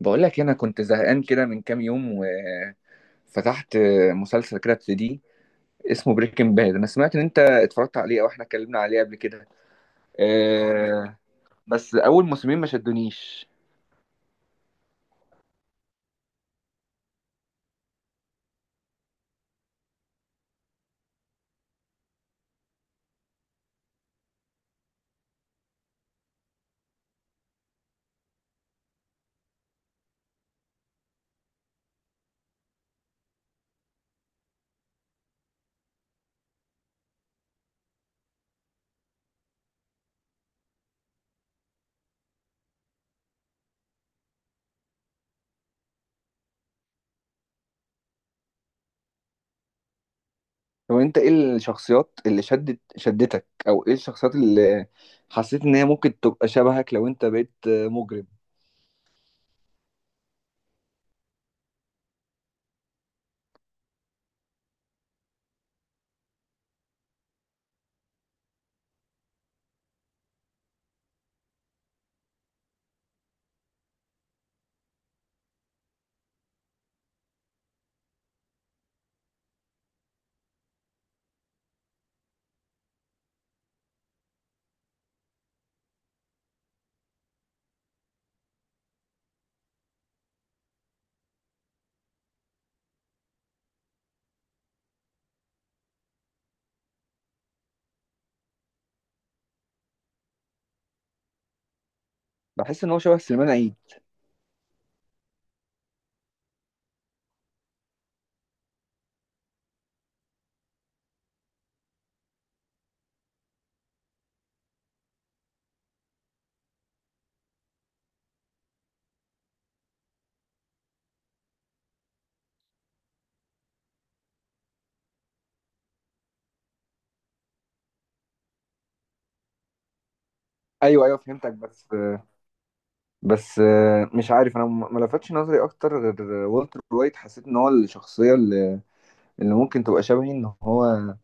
بقول لك إيه، انا كنت زهقان كده من كام يوم، وفتحت مسلسل كده ابتدي اسمه بريكنج باد. انا سمعت ان انت اتفرجت عليه او احنا اتكلمنا عليه قبل كده. آه، بس اول موسمين ما شدونيش. هو انت ايه الشخصيات اللي شدتك او ايه الشخصيات اللي حسيت ان هي ممكن تبقى شبهك لو انت بقيت مجرم؟ بحس ان هو شبه سليمان عيد. ايوه ايوه، فهمتك، بس بس، مش عارف، انا ما لفتش نظري اكتر غير والتر وايت. حسيت ان هو الشخصيه اللي ممكن تبقى شبهي، ان هو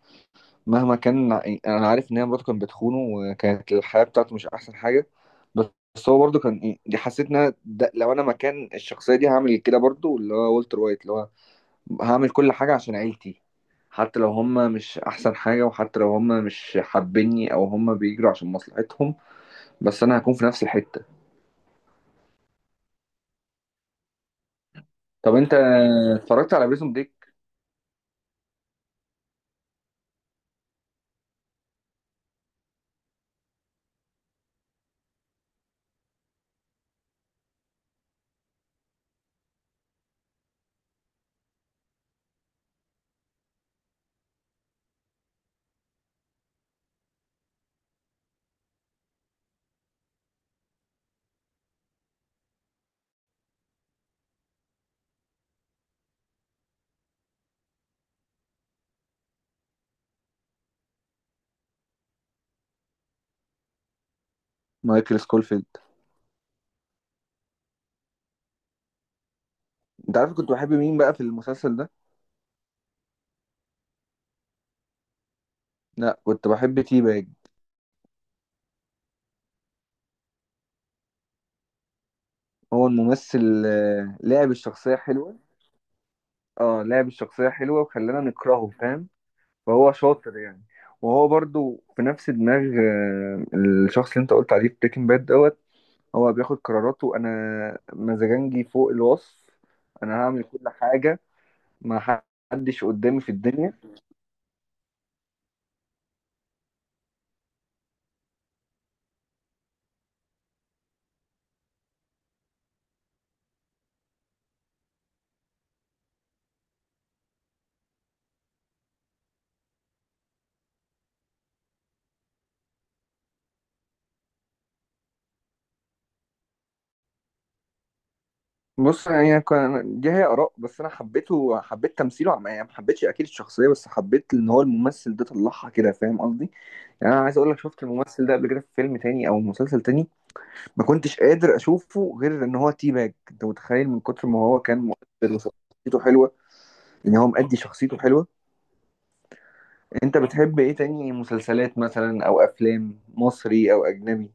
مهما كان. انا عارف ان هي مراته كانت بتخونه وكانت الحياه بتاعته مش احسن حاجه، بس هو برضه كان دي. حسيت ان أنا ده لو انا مكان الشخصيه دي هعمل كده برضه، اللي هو والتر وايت، اللي هو هعمل كل حاجه عشان عيلتي، حتى لو هم مش احسن حاجه، وحتى لو هم مش حابيني او هم بيجروا عشان مصلحتهم، بس انا هكون في نفس الحته. طب انت اتفرجت على بريزون بريك؟ مايكل سكولفيلد. انت عارف كنت بحب مين بقى في المسلسل ده؟ لا، كنت بحب تي باج. هو الممثل لعب الشخصية حلوة. اه، لعب الشخصية حلوة وخلانا نكرهه، فاهم؟ فهو شاطر يعني. وهو برضو في نفس دماغ الشخص اللي انت قلت عليه في بريكنج باد دوت. هو بياخد قراراته، انا مزاجنجي فوق الوصف. انا هعمل كل حاجة، ما حدش قدامي في الدنيا. بص، يعني دي هي آراء، بس انا حبيته، حبيت تمثيله، يعني ما حبيتش اكيد الشخصية، بس حبيت ان هو الممثل ده طلعها كده، فاهم قصدي؟ يعني انا عايز اقول لك، شفت الممثل ده قبل كده في فيلم تاني او مسلسل تاني؟ ما كنتش قادر اشوفه غير ان هو تي باج. انت متخيل من كتر ما هو كان مؤثر وشخصيته حلوه، ان هو مأدي شخصيته حلوه. انت بتحب ايه تاني مسلسلات مثلا او افلام، مصري او اجنبي؟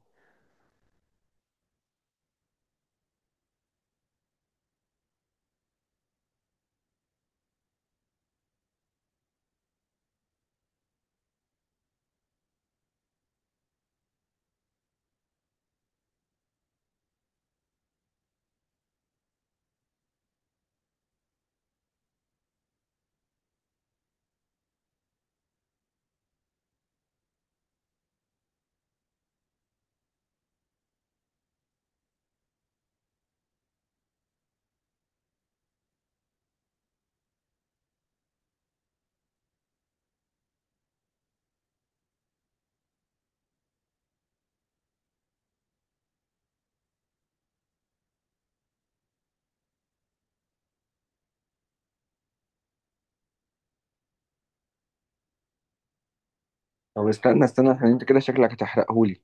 طب استنى استنى، عشان انت كده شكلك هتحرقهولي.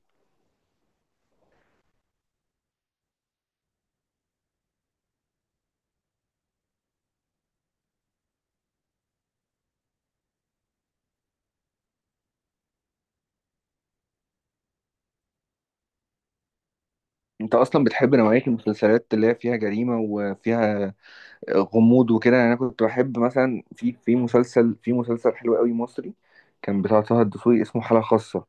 انت اصلا بتحب نوعيه المسلسلات اللي هي فيها جريمه وفيها غموض وكده؟ يعني انا كنت بحب مثلا في مسلسل حلو قوي مصري، كان بتاع طه الدسوقي، اسمه حالة خاصة.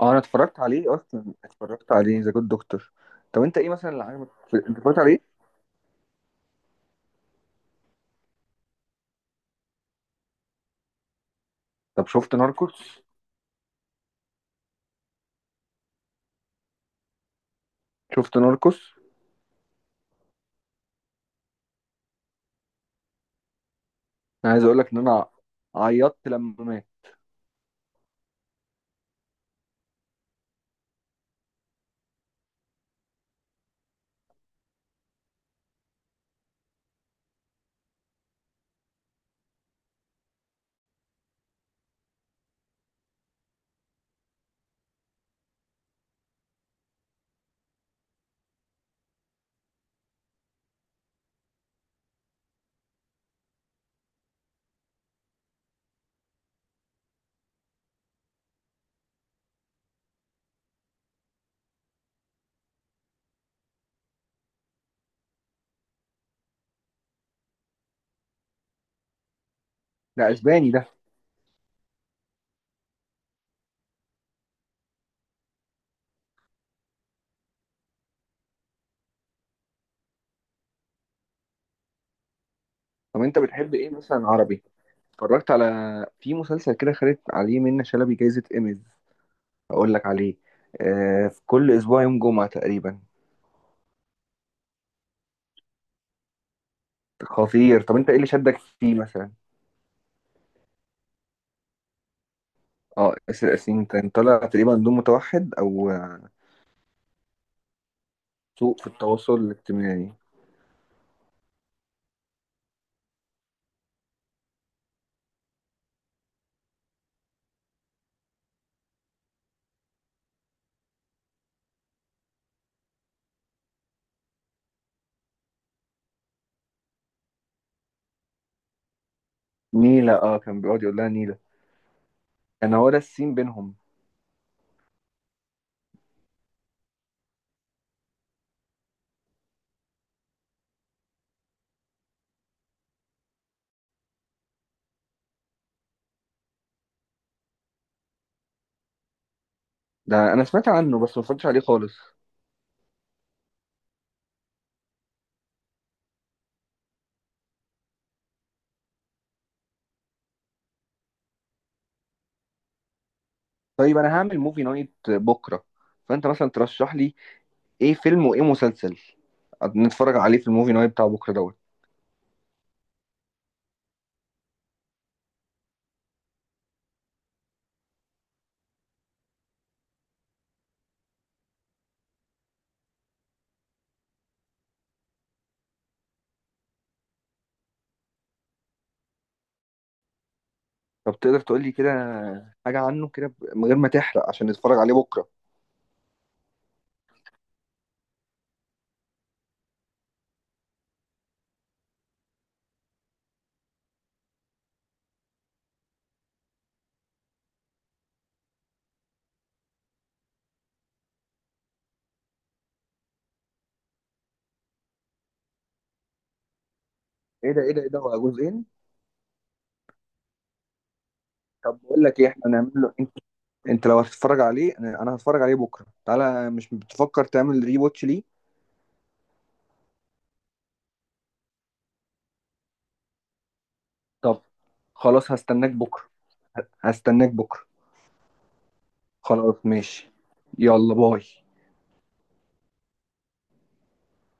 اه انا اتفرجت عليه، اصلا اتفرجت عليه ذا جود دكتور. طب انت ايه مثلا اللي عجبك انت اتفرجت عليه؟ طب شفت ناركوس؟ شفت ناركوس؟ انا عايز اقول لك ان انا عيطت لما مات. ده اسباني ده؟ طب انت بتحب ايه مثلا عربي؟ اتفرجت على، في مسلسل كده خدت عليه منة شلبي جايزة ايميز، اقول لك عليه؟ آه، في كل اسبوع يوم جمعة تقريبا. خطير. طب انت ايه اللي شدك فيه مثلا؟ اه ياسر ياسين كان طالع تقريبا دون متوحد او سوء في التواصل الاجتماعي. نيلة، اه كان بيقعد يقول لها نيلة. كان هو ده السين بينهم. ده انا سمعت عنه بس ما اتفرجتش عليه خالص. طيب انا هعمل موفي نايت بكرة، فانت مثلا ترشح لي ايه فيلم وايه مسلسل نتفرج عليه في الموفي نايت بتاع بكرة دوت. طب تقدر تقول لي كده حاجة عنه كده، من غير ما تحرق، عشان نتفرج عليه بكرة. ايه ده؟ ايه ده هو جزئين؟ طب بقول لك ايه، احنا نعمل له، انت انت لو هتتفرج عليه، انا أنا هتفرج عليه بكرة، تعالى، مش بتفكر تعمل ري واتش ليه؟ طب خلاص، هستناك بكرة، هستناك بكرة. خلاص ماشي، يلا باي.